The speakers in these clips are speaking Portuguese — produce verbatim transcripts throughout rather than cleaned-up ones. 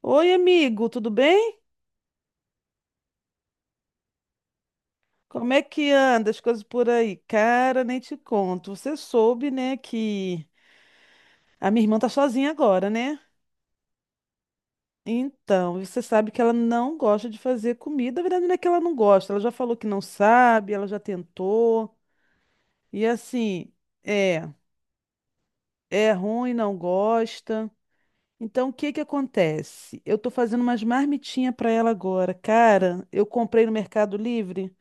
Oi, amigo, tudo bem? Como é que anda as coisas por aí? Cara, nem te conto. Você soube, né, que a minha irmã tá sozinha agora, né? Então, você sabe que ela não gosta de fazer comida. Na verdade, não é que ela não gosta. Ela já falou que não sabe, ela já tentou. E assim, é, é ruim, não gosta. Então, o que que acontece? Eu tô fazendo umas marmitinhas pra ela agora. Cara, eu comprei no Mercado Livre.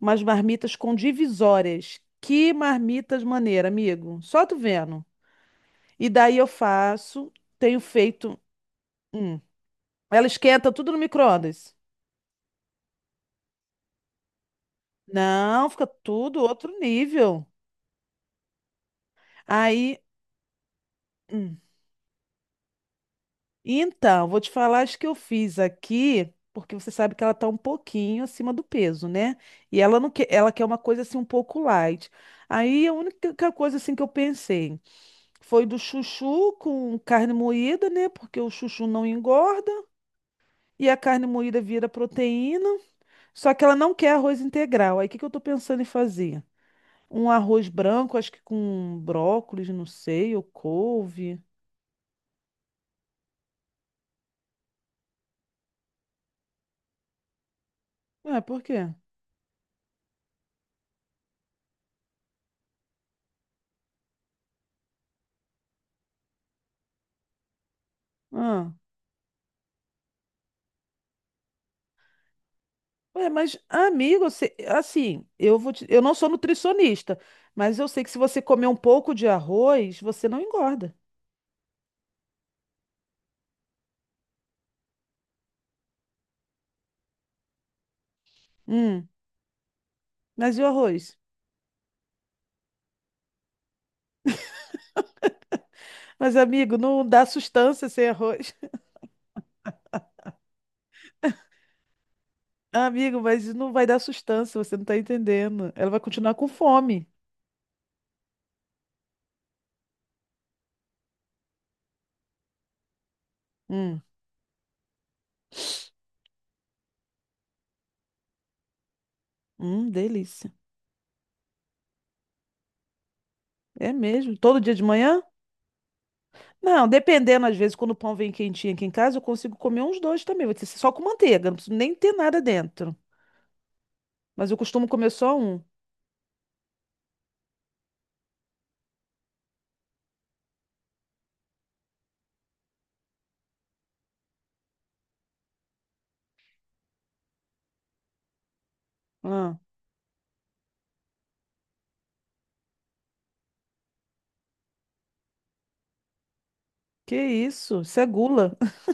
Umas marmitas com divisórias. Que marmitas maneira, amigo. Só tu vendo. E daí eu faço, tenho feito. hum, Ela esquenta tudo no micro-ondas. Não, fica tudo outro nível. Aí, hum. Então, vou te falar as que eu fiz aqui, porque você sabe que ela tá um pouquinho acima do peso, né? E ela não quer, ela quer uma coisa assim um pouco light. Aí a única coisa assim que eu pensei. Foi do chuchu com carne moída, né? Porque o chuchu não engorda e a carne moída vira proteína. Só que ela não quer arroz integral. Aí o que que eu tô pensando em fazer? Um arroz branco, acho que com brócolis, não sei, ou couve. Ué, por quê? Ah. Ué, mas, amigo, você- assim, eu vou te- eu não sou nutricionista, mas eu sei que se você comer um pouco de arroz, você não engorda. Hum, mas e o arroz? Mas, amigo, não dá sustância sem arroz. Ah, Amigo, mas não vai dar sustância, você não tá entendendo. Ela vai continuar com fome. Hum, hum, delícia. É mesmo? Todo dia de manhã? Não, dependendo, às vezes, quando o pão vem quentinho aqui em casa, eu consigo comer uns dois também. Vou ter só com manteiga, não preciso nem ter nada dentro. Mas eu costumo comer só um. Ah, que isso? Isso é gula.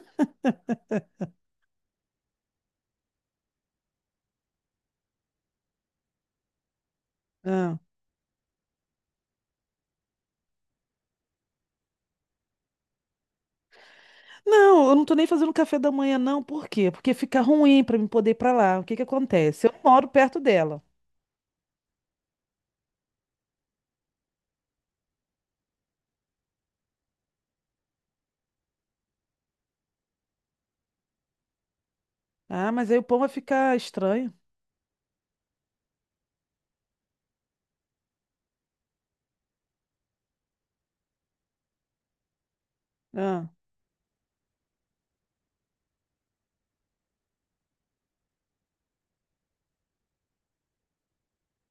Ah. Não, eu não tô nem fazendo café da manhã, não. Por quê? Porque fica ruim pra mim poder ir pra lá. O que que acontece? Eu não moro perto dela. Ah, mas aí o pão vai ficar estranho. Ah.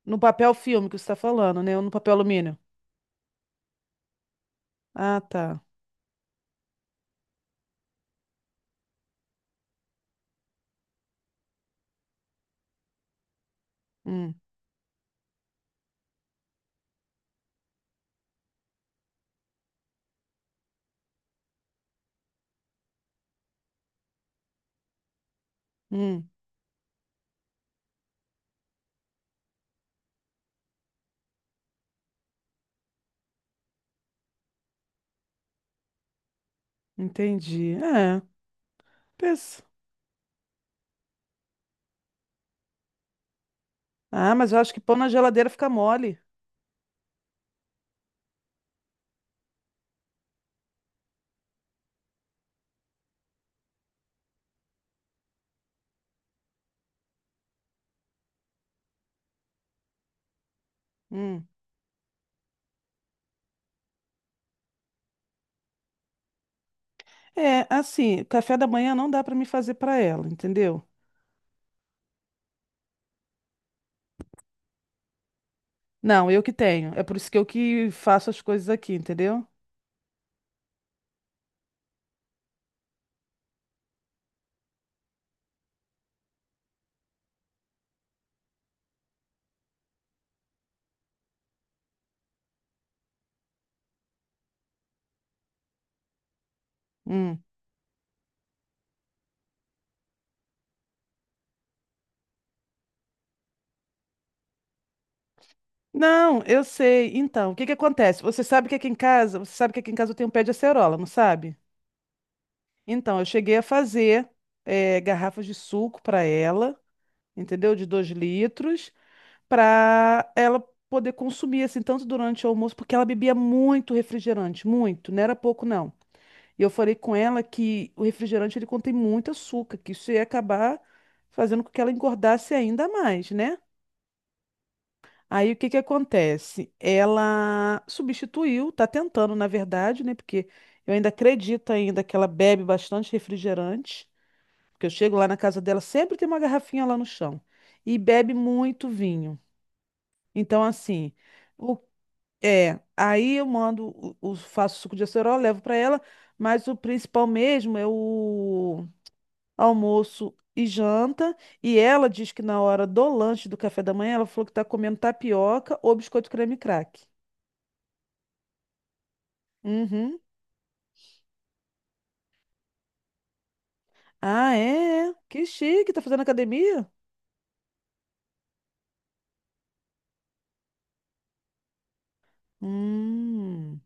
No papel filme que você está falando, né? Ou no papel alumínio? Ah, tá. Hum, hum, entendi. É, pensa. Ah, mas eu acho que pão na geladeira fica mole. Hum. É, assim, café da manhã não dá para me fazer para ela, entendeu? Não, eu que tenho. É por isso que eu que faço as coisas aqui, entendeu? Hum. Não, eu sei. Então, o que que acontece? Você sabe que aqui em casa, você sabe que aqui em casa eu tenho um pé de acerola, não sabe? Então, eu cheguei a fazer eh, garrafas de suco para ela, entendeu? De dois litros. Para ela poder consumir assim tanto durante o almoço, porque ela bebia muito refrigerante, muito, não era pouco não. E eu falei com ela que o refrigerante ele contém muito açúcar, que isso ia acabar fazendo com que ela engordasse ainda mais, né? Aí o que que acontece? Ela substituiu, tá tentando, na verdade, né? Porque eu ainda acredito ainda que ela bebe bastante refrigerante, porque eu chego lá na casa dela, sempre tem uma garrafinha lá no chão. E bebe muito vinho. Então, assim, o É, aí eu mando, o, o- faço suco de acerola, levo para ela, mas o principal mesmo é o almoço e janta. E ela diz que na hora do lanche do café da manhã, ela falou que tá comendo tapioca ou biscoito creme crack. Uhum. Ah, é? É. Que chique, tá fazendo academia? Hum.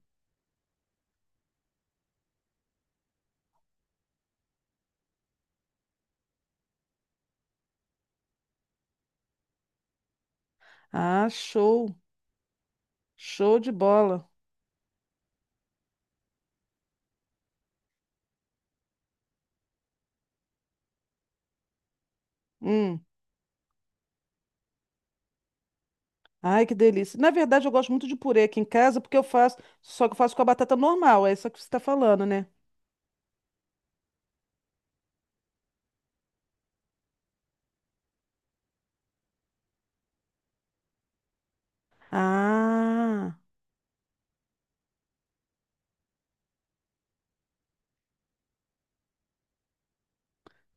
Ah, show. Show de bola. Hum. Ai, que delícia. Na verdade, eu gosto muito de purê aqui em casa, porque eu faço, só que eu faço com a batata normal, é isso que você está falando, né? Ah,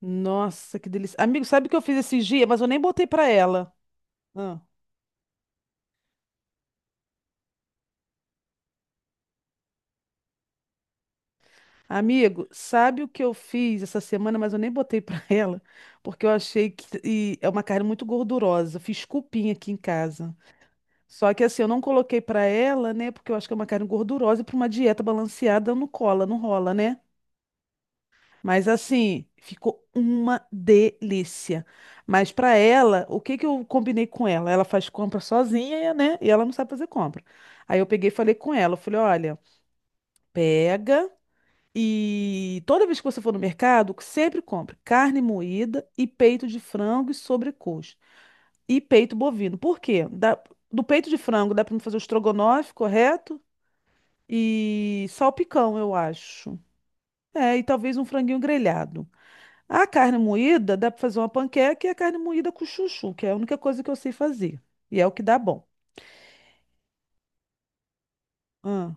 nossa, que delícia. Amigo, sabe o que eu fiz esses dias? Mas eu nem botei pra ela. Ah. Amigo, sabe o que eu fiz essa semana, mas eu nem botei pra ela, porque eu achei que e é uma carne muito gordurosa. Fiz cupim aqui em casa. Só que assim, eu não coloquei pra ela, né? Porque eu acho que é uma carne gordurosa e pra uma dieta balanceada não cola, não rola, né? Mas assim, ficou uma delícia. Mas para ela, o que que eu combinei com ela? Ela faz compra sozinha, né? E ela não sabe fazer compra. Aí eu peguei e falei com ela, eu falei, olha, pega e toda vez que você for no mercado, sempre compre carne moída e peito de frango e sobrecoxa e peito bovino. Por quê? Dá- do peito de frango dá para fazer o estrogonofe, correto? E salpicão, eu acho. É, e talvez um franguinho grelhado. A carne moída dá para fazer uma panqueca e a carne moída com chuchu, que é a única coisa que eu sei fazer. E é o que dá bom. Ah,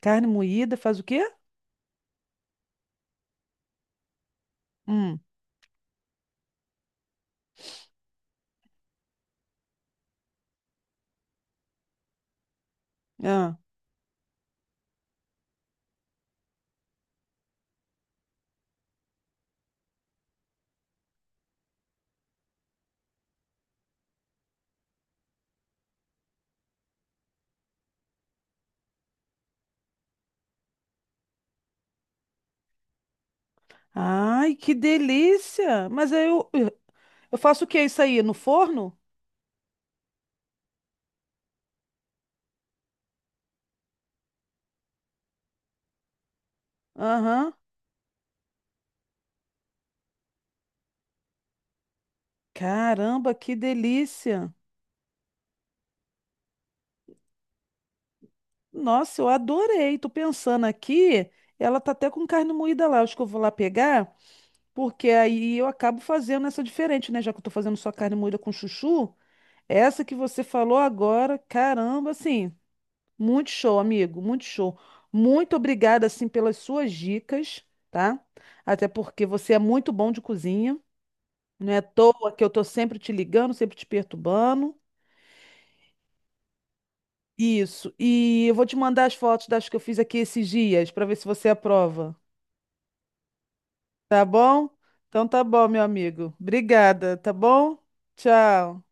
carne moída faz o quê? Hum, ah. Ai, que delícia! Mas aí eu, eu faço o que isso aí? No forno? Aham. Caramba, que delícia! Nossa, eu adorei. Tô pensando aqui, ela tá até com carne moída lá. Acho que eu vou lá pegar, porque aí eu acabo fazendo essa diferente, né? Já que eu tô fazendo só carne moída com chuchu. Essa que você falou agora, caramba, assim, muito show, amigo, muito show. Muito obrigada, assim, pelas suas dicas, tá? Até porque você é muito bom de cozinha, não é à toa que eu tô sempre te ligando, sempre te perturbando. Isso. E eu vou te mandar as fotos das que eu fiz aqui esses dias, para ver se você aprova, tá bom? Então tá bom, meu amigo. Obrigada, tá bom? Tchau.